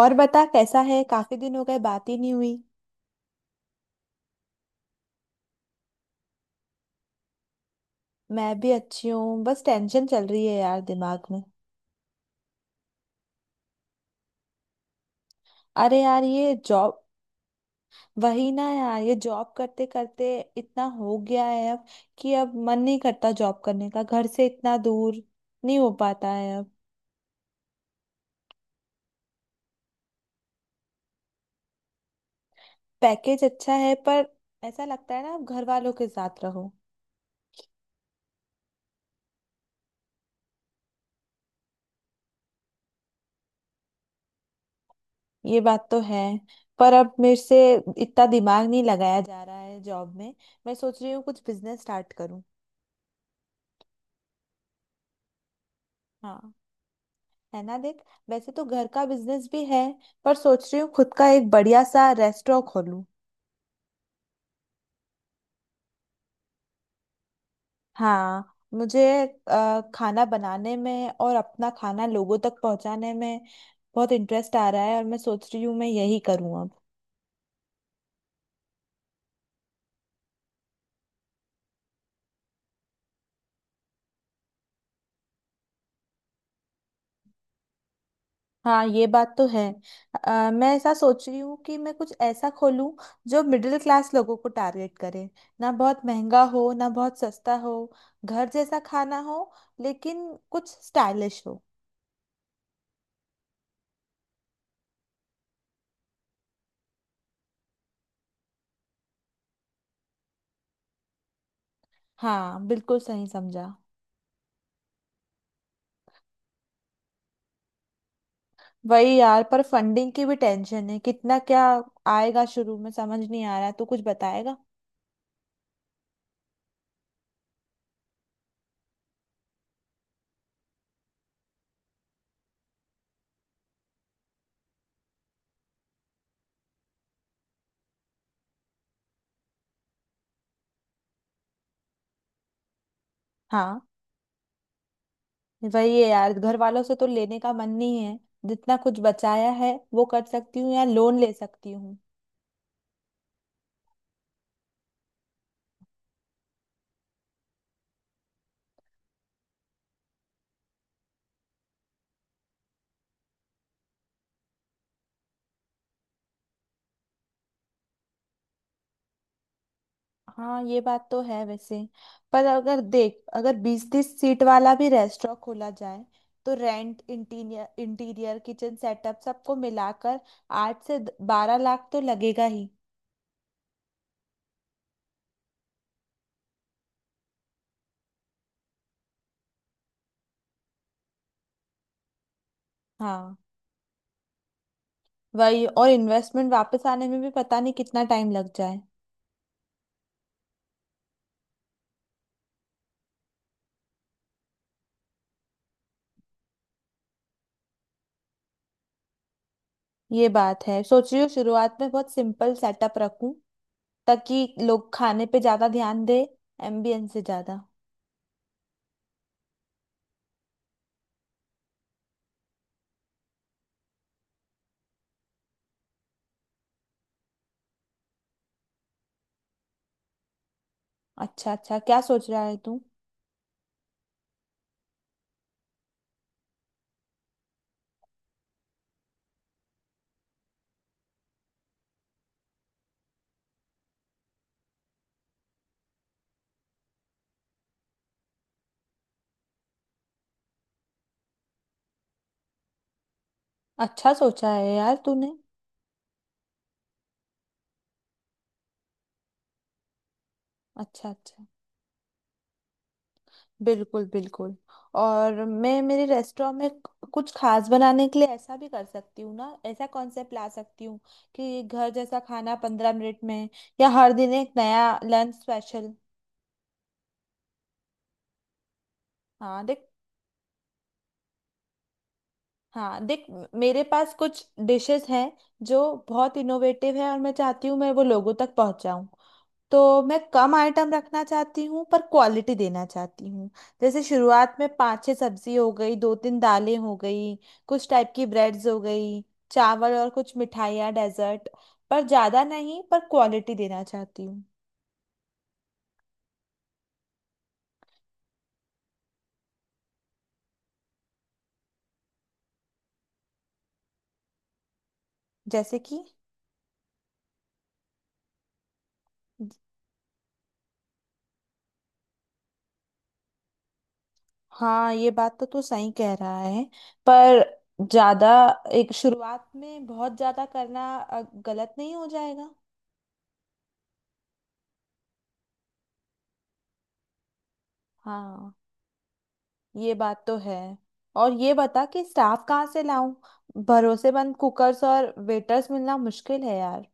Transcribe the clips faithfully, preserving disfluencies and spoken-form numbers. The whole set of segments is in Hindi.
और बता कैसा है। काफी दिन हो गए बात ही नहीं हुई। मैं भी अच्छी हूँ, बस टेंशन चल रही है यार दिमाग में। अरे यार, ये जॉब। वही ना यार, ये जॉब करते करते इतना हो गया है अब कि अब मन नहीं करता जॉब करने का। घर से इतना दूर नहीं हो पाता है अब। पैकेज अच्छा है पर ऐसा लगता है ना, अब घर वालों के साथ रहो। ये बात तो है, पर अब मेरे से इतना दिमाग नहीं लगाया जा रहा है जॉब में। मैं सोच रही हूँ कुछ बिजनेस स्टार्ट करूँ। हाँ, है ना, देख वैसे तो घर का बिजनेस भी है, पर सोच रही हूँ खुद का एक बढ़िया सा रेस्टोरेंट खोलूं। हाँ मुझे अ, खाना बनाने में और अपना खाना लोगों तक पहुंचाने में बहुत इंटरेस्ट आ रहा है, और मैं सोच रही हूँ मैं यही करूँ अब। हाँ, ये बात तो है। अ, मैं ऐसा सोच रही हूँ कि मैं कुछ ऐसा खोलूँ जो मिडिल क्लास लोगों को टारगेट करे। ना बहुत महंगा हो ना बहुत सस्ता हो, घर जैसा खाना हो, लेकिन कुछ स्टाइलिश हो। हाँ, बिल्कुल सही समझा। वही यार, पर फंडिंग की भी टेंशन है। कितना क्या आएगा शुरू में समझ नहीं आ रहा है। तू कुछ बताएगा? हाँ, वही है यार, घर वालों से तो लेने का मन नहीं है। जितना कुछ बचाया है वो कर सकती हूँ या लोन ले सकती हूँ। हाँ, ये बात तो है वैसे। पर अगर देख, अगर बीस तीस सीट वाला भी रेस्टोरेंट खोला जाए, तो rent, interior, interior, kitchen setup सबको मिलाकर आठ से द- बारह लाख तो लगेगा ही। हाँ, वही, और इन्वेस्टमेंट वापस आने में भी पता नहीं कितना टाइम लग जाए। ये बात है, सोच रही हूँ शुरुआत में बहुत सिंपल सेटअप रखूं, ताकि लोग खाने पे ज्यादा ध्यान दे, एम्बियंस से ज्यादा। अच्छा अच्छा, क्या सोच रहा है तू? अच्छा सोचा है यार तूने। अच्छा अच्छा। बिल्कुल बिल्कुल। और मैं मेरे रेस्टोरेंट में क- कुछ खास बनाने के लिए ऐसा भी कर सकती हूँ ना, ऐसा कॉन्सेप्ट ला सकती हूँ कि घर जैसा खाना पंद्रह मिनट में, या हर दिन एक नया लंच स्पेशल। हाँ, देख। हाँ देख, म- मेरे पास कुछ डिशेस हैं जो बहुत इनोवेटिव है, और मैं चाहती हूँ मैं वो लोगों तक पहुँचाऊँ। तो मैं कम आइटम रखना चाहती हूँ पर क्वालिटी देना चाहती हूँ। जैसे शुरुआत में पाँच छः सब्जी हो गई, दो तीन दालें हो गई, कुछ टाइप की ब्रेड्स हो गई, चावल, और कुछ मिठाइयाँ डेजर्ट। पर ज़्यादा नहीं, पर क्वालिटी देना चाहती हूँ। जैसे कि? हाँ, ये बात तो तू सही कह रहा है। पर ज्यादा एक शुरुआत में बहुत ज्यादा करना अ, गलत नहीं हो जाएगा? हाँ ये बात तो है। और ये बता कि स्टाफ कहाँ से लाऊं। भरोसेमंद कुकर्स और वेटर्स मिलना मुश्किल है यार।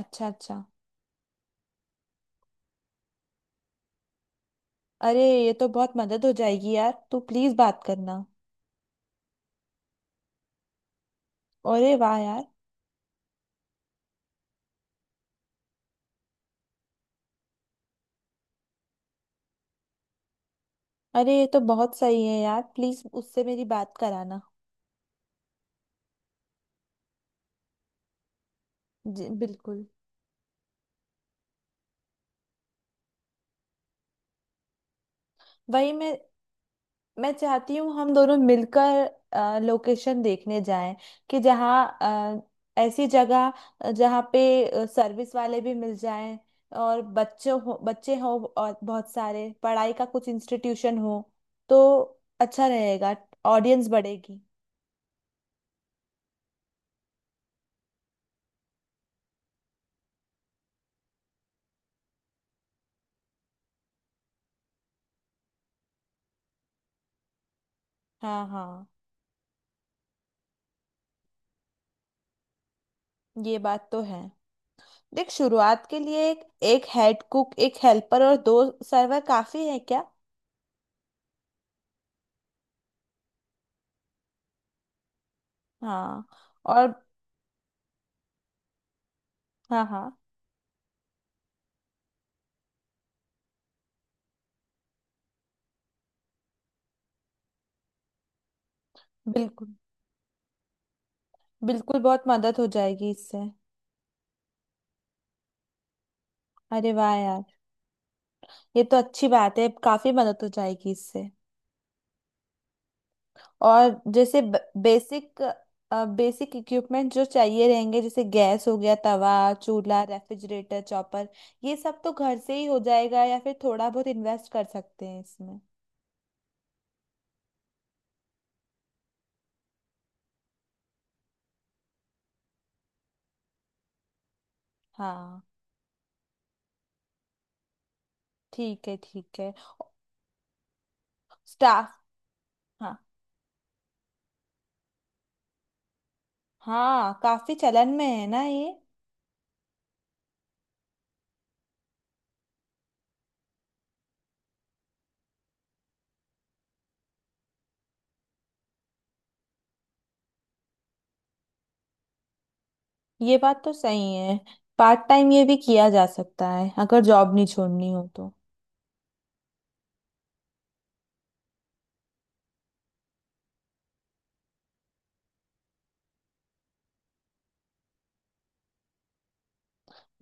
अच्छा अच्छा। अरे, ये तो बहुत मदद हो जाएगी यार, तू प्लीज बात करना। अरे वाह यार। अरे, ये तो बहुत सही है यार, प्लीज उससे मेरी बात कराना। जी बिल्कुल। वही मैं मैं चाहती हूँ हम दोनों मिलकर लोकेशन देखने जाएं। कि जहाँ अ, ऐसी जगह, अ, जहाँ पे सर्विस वाले भी मिल जाएं, और बच्चों हो बच्चे हो, और बहुत सारे पढ़ाई का कुछ इंस्टीट्यूशन हो, तो अच्छा रहेगा, ऑडियंस बढ़ेगी। हाँ हाँ, ये बात तो है। देख शुरुआत के लिए एक एक हेड कुक, एक हेल्पर और दो सर्वर काफी है क्या? हाँ। और। हाँ हाँ। बिल्कुल बिल्कुल, बहुत मदद हो जाएगी इससे। अरे वाह यार। ये तो अच्छी बात है, काफी मदद हो जाएगी इससे। और जैसे बेसिक बेसिक इक्विपमेंट जो चाहिए रहेंगे जैसे गैस हो गया, तवा, चूल्हा, रेफ्रिजरेटर, चॉपर, ये सब तो घर से ही हो जाएगा, या फिर थोड़ा बहुत इन्वेस्ट कर सकते हैं इसमें। हाँ। ठीक है ठीक है। स्टाफ। हाँ। हाँ, काफी चलन में है ना ये? ये बात तो सही है। पार्ट टाइम ये भी किया जा सकता है अगर जॉब नहीं छोड़नी हो तो।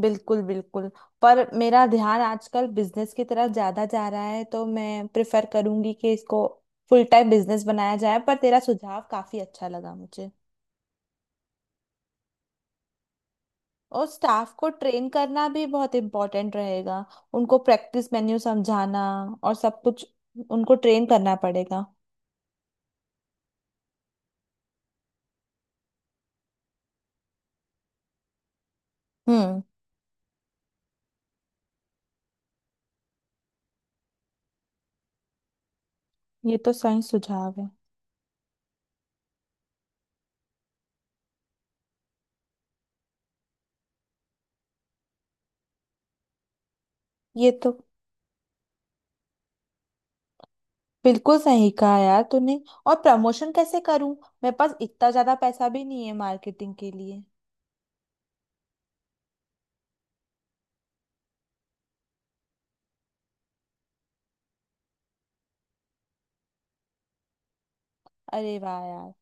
बिल्कुल बिल्कुल। पर मेरा ध्यान आजकल बिजनेस की तरफ ज्यादा जा रहा है, तो मैं प्रेफर करूंगी कि इसको फुल टाइम बिजनेस बनाया जाए। पर तेरा सुझाव काफी अच्छा लगा मुझे। और स्टाफ को ट्रेन करना भी बहुत इम्पोर्टेंट रहेगा। उनको प्रैक्टिस, मेन्यू समझाना, और सब कुछ, उनको ट्रेन करना पड़ेगा। हम्म। ये तो सही सुझाव है। ये तो बिल्कुल सही कहा यार तूने। और प्रमोशन कैसे करूं? मेरे पास इतना ज्यादा पैसा भी नहीं है मार्केटिंग के लिए। अरे वाह यार।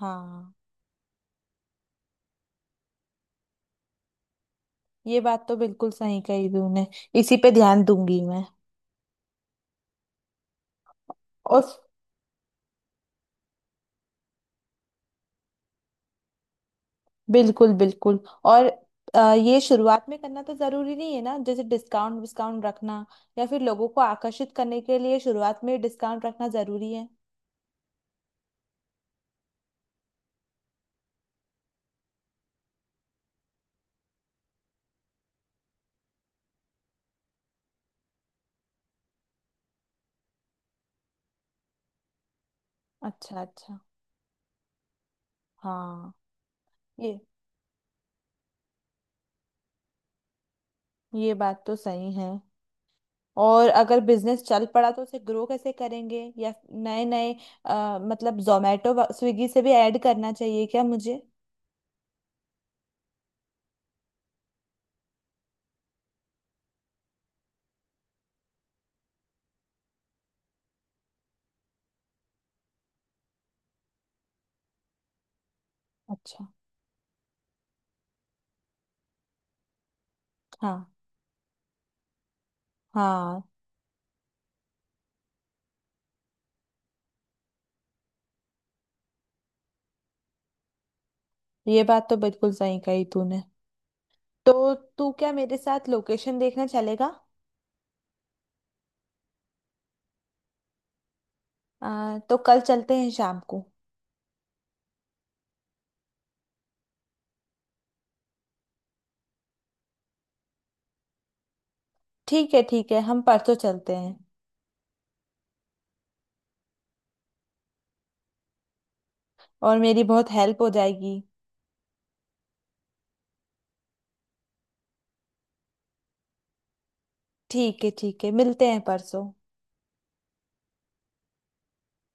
हाँ, ये बात तो बिल्कुल सही कही तूने। इसी पे ध्यान दूंगी मैं। और। बिल्कुल बिल्कुल। और अ, ये शुरुआत में करना तो जरूरी नहीं है ना, जैसे डिस्काउंट डिस्काउंट रखना, या फिर लोगों को आकर्षित करने के लिए शुरुआत में डिस्काउंट रखना जरूरी है? अच्छा अच्छा। हाँ। ये ये बात तो सही है। और अगर बिजनेस चल पड़ा तो उसे ग्रो कैसे करेंगे, या नए नए, अ, मतलब जोमेटो स्विगी से भी ऐड करना चाहिए क्या मुझे? अच्छा। हाँ हाँ, ये बात तो बिल्कुल सही कही तूने। तो तू क्या मेरे साथ लोकेशन देखने चलेगा? आ, तो कल चलते हैं शाम को। ठीक है ठीक है, हम परसों चलते हैं। और मेरी बहुत हेल्प हो जाएगी। ठीक है ठीक है, मिलते हैं परसों।